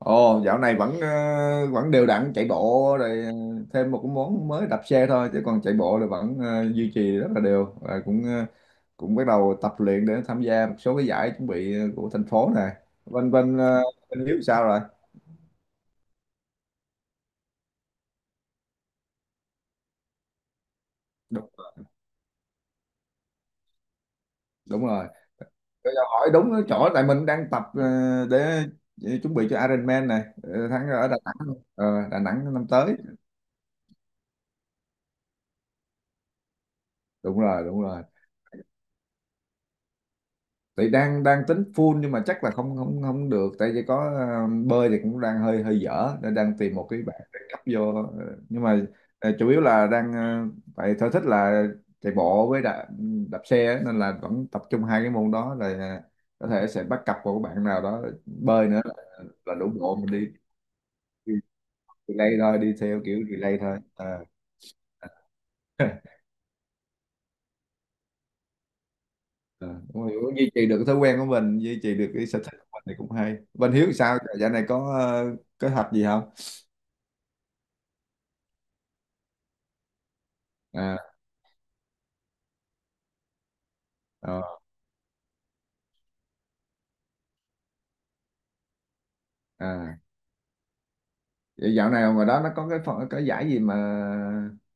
Ồ, dạo này vẫn vẫn đều đặn chạy bộ rồi, thêm một cái món mới đạp xe thôi, chứ còn chạy bộ là vẫn duy trì rất là đều, và cũng cũng bắt đầu tập luyện để tham gia một số cái giải chuẩn bị của thành phố này. Bên bên ờ, Bên Hiếu sao rồi? Đúng, đúng rồi. Bây giờ hỏi đúng cái chỗ tại mình đang tập, để chuẩn bị cho Ironman này, tháng ở Đà Nẵng. Ờ, Đà Nẵng năm tới. Đúng rồi, đúng rồi. Thì đang đang tính full, nhưng mà chắc là không không không được, tại vì có bơi thì cũng đang hơi hơi dở, nên đang tìm một cái bạn để cấp vô. Ờ, nhưng mà chủ yếu là đang tại sở thích là chạy bộ với đạp, đạp xe á, nên là vẫn tập trung hai cái môn đó rồi. Ờ, có thể sẽ bắt cặp một bạn nào đó bơi nữa, là đủ bộ. Mình đi, đi relay thôi, đi theo kiểu relay thôi. Ờ. À, đúng rồi, cũng duy trì được cái thói quen của mình, duy trì được cái sở thích của mình thì cũng hay. Bên Hiếu sao dạo này có kế hoạch gì không? À, ờ, à. Vậy dạo này ngoài đó nó có cái phần cái giải gì mà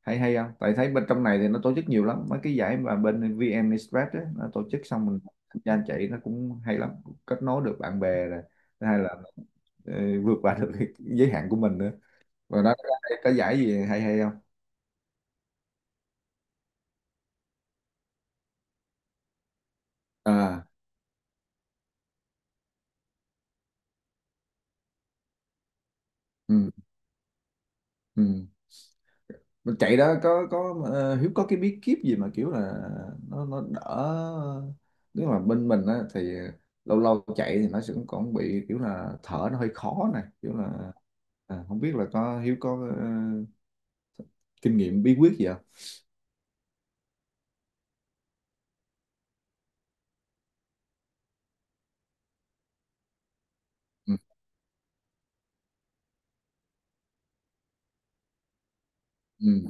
hay hay không, tại thấy bên trong này thì nó tổ chức nhiều lắm mấy cái giải mà bên VN Express ấy, nó tổ chức xong mình tham gia chạy nó cũng hay lắm, kết nối được bạn bè rồi. Thứ hai là ờ, vượt qua được cái giới hạn của mình nữa. Và đó có giải gì hay hay không? À, ừ, ừ. Mình chạy đó có Hiếu có cái bí kíp gì mà kiểu là nó đỡ, nếu mà bên mình á thì lâu lâu chạy thì nó sẽ còn bị kiểu là thở nó hơi khó này, kiểu là. À, không biết là có Hiếu có kinh nghiệm bí quyết gì không? Ừ. Ừ.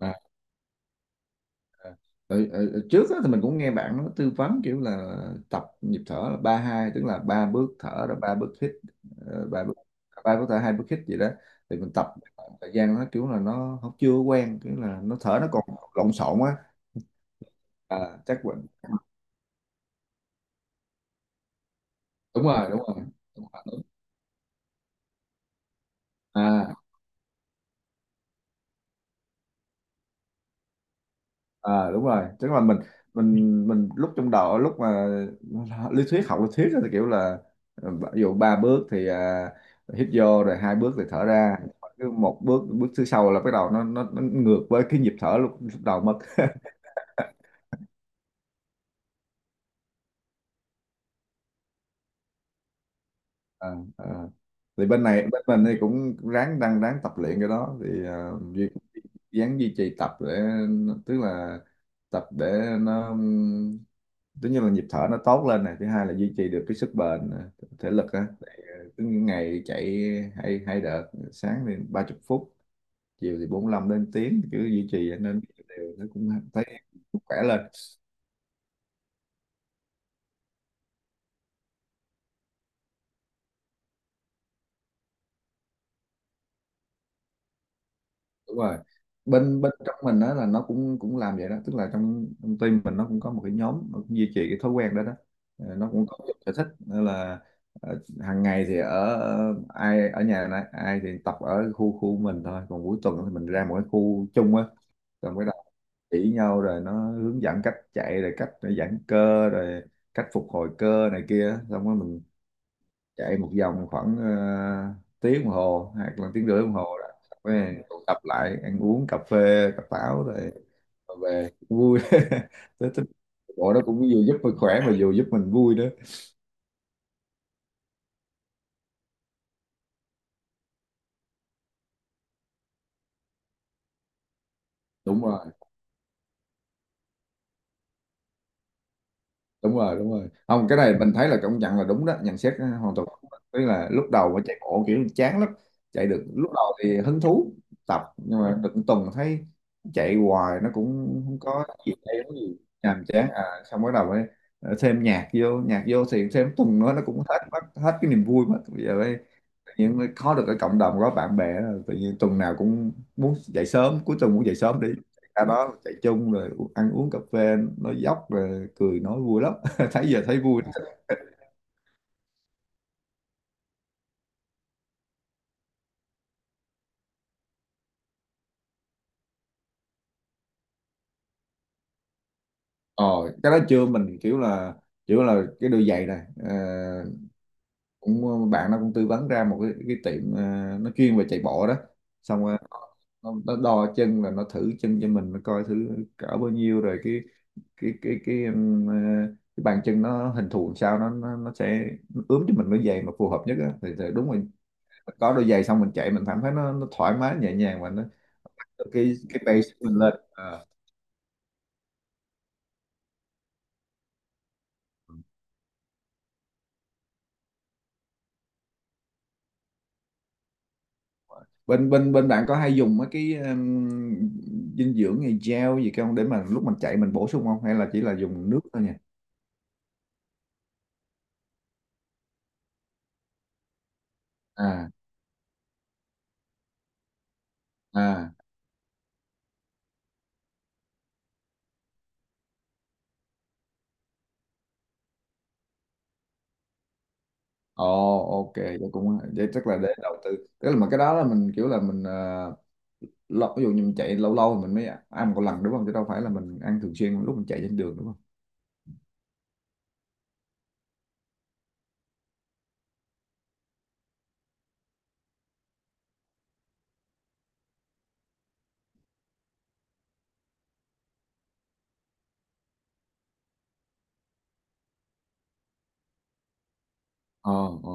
À. Ờ, ở trước á, thì mình cũng nghe bạn nó tư vấn kiểu là tập nhịp thở là ba hai, tức là ba bước thở rồi ba bước hít. ờ, ba bước ba bước thở, hai bước hít gì đó. Thì mình tập một thời gian, nó kiểu là nó không chưa quen, kiểu là nó thở nó còn lộn xộn á. À, chắc quên. Đúng rồi, đúng rồi, đúng rồi. À à đúng rồi, tức là mình lúc trong đầu, lúc mà lý thuyết, học lý thuyết á, thì kiểu là ví dụ ba bước thì à, hít vô, rồi hai bước thì thở ra. Cứ một bước, bước thứ sau là bắt đầu nó ngược với cái nhịp thở lúc, lúc đầu mất. À, à. Thì bên này bên mình thì cũng ráng, đang ráng tập luyện cái đó thì à, duy, ráng duy trì tập để, tức là tập để nó, tất nhiên là nhịp thở nó tốt lên này, thứ hai là duy trì được cái sức bền thể lực á. Ờ, cứ ngày chạy hai hai đợt, sáng thì 30 phút, chiều thì 45 đến tiếng, cứ duy trì nên đều nó cũng thấy khỏe lên. Đúng rồi, bên bên trong mình đó là nó cũng cũng làm vậy đó, tức là trong trong team mình nó cũng có một cái nhóm nó cũng duy trì cái thói quen đó đó. Ờ, nó cũng có cái sở thích nên là hàng ngày thì ở ở- ai ở nhà này, ai thì tập ở khu khu mình thôi, còn cuối tuần thì mình ra một cái khu chung á, rồi mới đầu chỉ nhau, rồi nó hướng dẫn cách chạy, rồi cách giãn cơ, rồi cách phục hồi cơ này kia, xong rồi mình chạy một vòng khoảng tiếng đồng hồ hoặc là tiếng rưỡi đồng hồ đó. Xong rồi tụ tập lại ăn uống cà phê cà pháo, rồi rồi về vui tới tới bộ nó cũng vừa giúp mình khỏe mà vừa giúp mình vui nữa. Đúng rồi, đúng rồi, đúng rồi, không cái này mình thấy là công nhận là đúng đó, nhận xét hoàn toàn đúng đó. Tức là lúc đầu mà chạy bộ kiểu chán lắm, chạy được lúc đầu thì hứng thú tập, nhưng mà được một tuần thấy chạy hoài nó cũng không có gì hay lắm gì, nhàm chán à. Xong bắt đầu mới thêm nhạc vô, nhạc vô thì thêm tuần nữa nó cũng hết, mất hết cái niềm vui mất bây giờ. Nhưng mà có được cái cộng đồng có bạn bè đó, tự nhiên tuần nào cũng muốn dậy sớm, cuối tuần muốn dậy sớm đi ra đó chạy chung, rồi ăn uống cà phê nói dóc, rồi cười nói vui lắm thấy giờ thấy vui. Ờ, cái đó chưa, mình kiểu là cái đôi giày này ờ, cũng bạn nó cũng tư vấn ra một cái tiệm nó chuyên về chạy bộ đó, xong rồi nó đo chân, là nó thử chân cho mình, nó coi thử cỡ bao nhiêu rồi cái cái cái bàn chân nó hình thù làm sao, nó sẽ ướm cho mình đôi giày mà phù hợp nhất á thì đúng rồi, có đôi giày xong mình chạy mình cảm thấy nó thoải mái nhẹ nhàng, và nó cái pace của mình lên. Ờ. bên bên bên bạn có hay dùng mấy cái dinh dưỡng như gel gì không, để mà lúc mình chạy mình bổ sung không, hay là chỉ là dùng nước thôi nhỉ? À à ồ, ok, vậy cũng vậy, chắc là để đầu tư. Tức là mà cái đó là mình kiểu là mình lâu, ví dụ như mình chạy lâu lâu thì mình mới ăn một lần đúng không, chứ đâu phải là mình ăn thường xuyên lúc mình chạy trên đường đúng không? Ờ, ờ,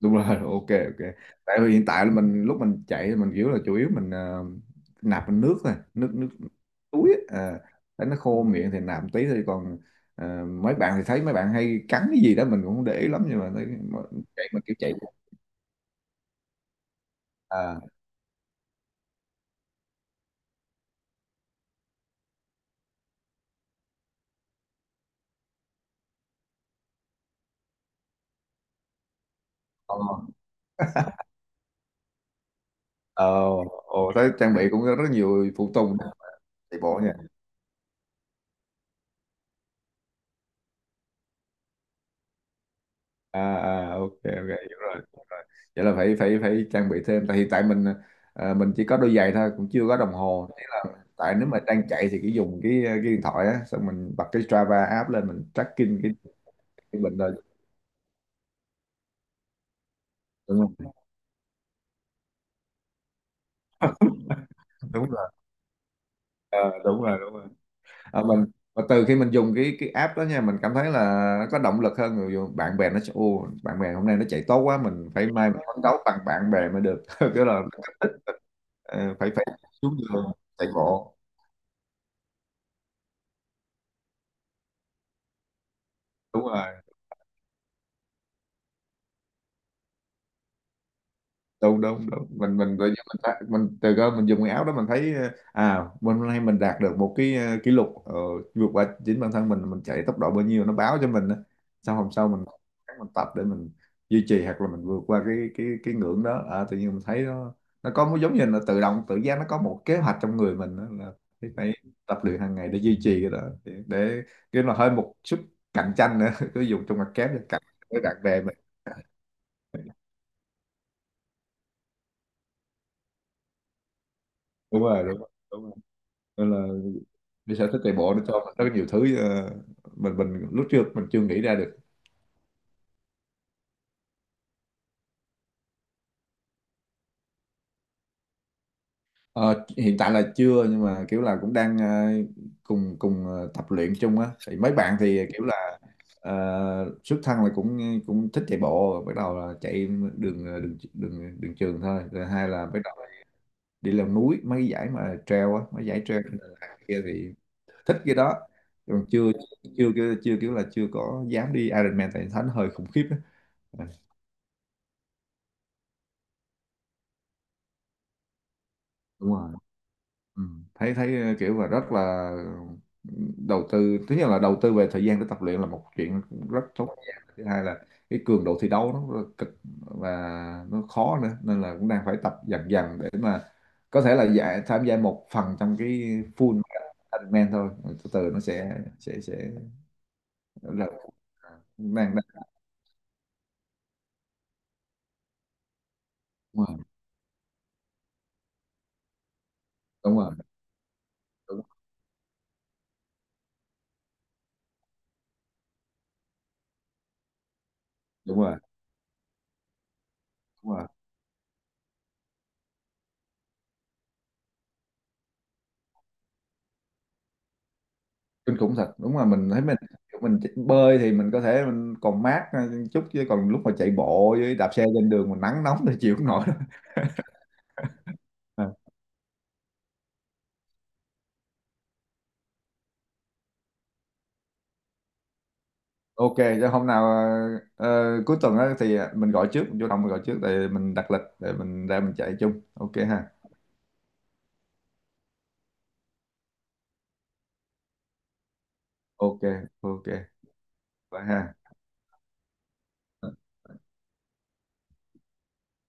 đúng rồi. Ok, ok. Tại vì hiện tại là mình, lúc mình chạy thì mình kiểu là chủ yếu mình nạp bằng nước thôi, nước nước túi á. À, thấy nó khô miệng thì nạp một tí thôi, còn mấy bạn thì thấy mấy bạn hay cắn cái gì đó mình cũng không để ý lắm, nhưng mà thấy mà- chạy mà kiểu chạy. À, ờ, ờ, ồ, thấy trang bị cũng có rất nhiều phụ tùng chạy bộ nha. À à ok ok hiểu rồi, hiểu rồi, vậy là phải phải phải trang bị thêm, tại hiện tại mình à, mình chỉ có đôi giày thôi, cũng chưa có đồng hồ, thế là tại nếu mà đang chạy thì cứ dùng cái à, cái điện thoại á, xong mình bật cái Strava app lên mình tracking cái bệnh rồi đúng không? Đúng rồi. Ờ, đúng rồi, đúng rồi. Ờ, mình và từ khi mình dùng cái app đó nha, mình cảm thấy là nó có động lực hơn, người dùng bạn bè nó sẽ ô, bạn bè hôm nay nó chạy tốt quá, mình phải mai mình phấn đấu bằng bạn bè mới được. Kiểu là ờ, phải phải xuống đường chạy bộ. Đúng rồi, đúng đúng đúng, mình tự nhiên mình thấy- mình từ cơ mình dùng cái áo đó mình thấy ờ, à mình hôm nay mình đạt được một cái kỷ lục vượt qua chính bản thân mình chạy tốc độ bao nhiêu nó báo cho mình á, sau hôm sau mình tập để mình duy trì hoặc là mình vượt qua cái cái ngưỡng đó. À, tự nhiên mình thấy nó có một giống như là tự động tự giác, nó có một kế hoạch trong người mình đó, là phải phải tập luyện hàng ngày để duy trì cái đó, để cái là hơi một chút cạnh tranh nữa. Cứ dùng trong mặt kép để cạnh với bạn bè mình. Đúng rồi, đúng rồi, đúng rồi. Nên là đi sở thích chạy bộ nó cho mình rất nhiều thứ mình lúc trước mình chưa nghĩ ra được. Ờ, hiện tại là chưa, nhưng mà kiểu là cũng đang cùng cùng tập luyện chung á, thì mấy bạn thì kiểu là xuất thân là cũng cũng thích chạy bộ, bắt đầu là chạy đường đường trường thôi, rồi hai là bắt đầu đi leo núi mấy cái giải mà trail á, mấy giải trail kia thì thích cái đó. Còn chưa, chưa chưa, kiểu là chưa có dám đi Ironman tại thấy nó hơi khủng khiếp á. Ừ, đúng rồi. Ừ. Thấy thấy kiểu là rất là đầu tư, thứ nhất là đầu tư về thời gian để tập luyện là một chuyện, rất tốn thời gian. Thứ hai là cái cường độ thi đấu nó rất là cực, và nó khó nữa, nên là cũng đang phải tập dần dần để mà có thể là giải, tham gia một phần trong cái full Ironman thôi. Rồi từ từ nó sẽ sẽ là à, đang đúng rồi, đúng rồi, đúng, đúng rồi, đúng rồi kinh khủng thật. Đúng là mình thấy mình chỉ- bơi thì mình có thể mình còn mát chút, chứ còn lúc mà chạy bộ với đạp xe trên đường mình nắng nóng thì chịu không nổi đâu. À, ok, cho hôm nào cuối tuần á thì à, mình gọi trước, mình vô đồng mình gọi trước để mình đặt lịch để mình ra mình chạy chung, ok ha. Ok, ok, bye ha.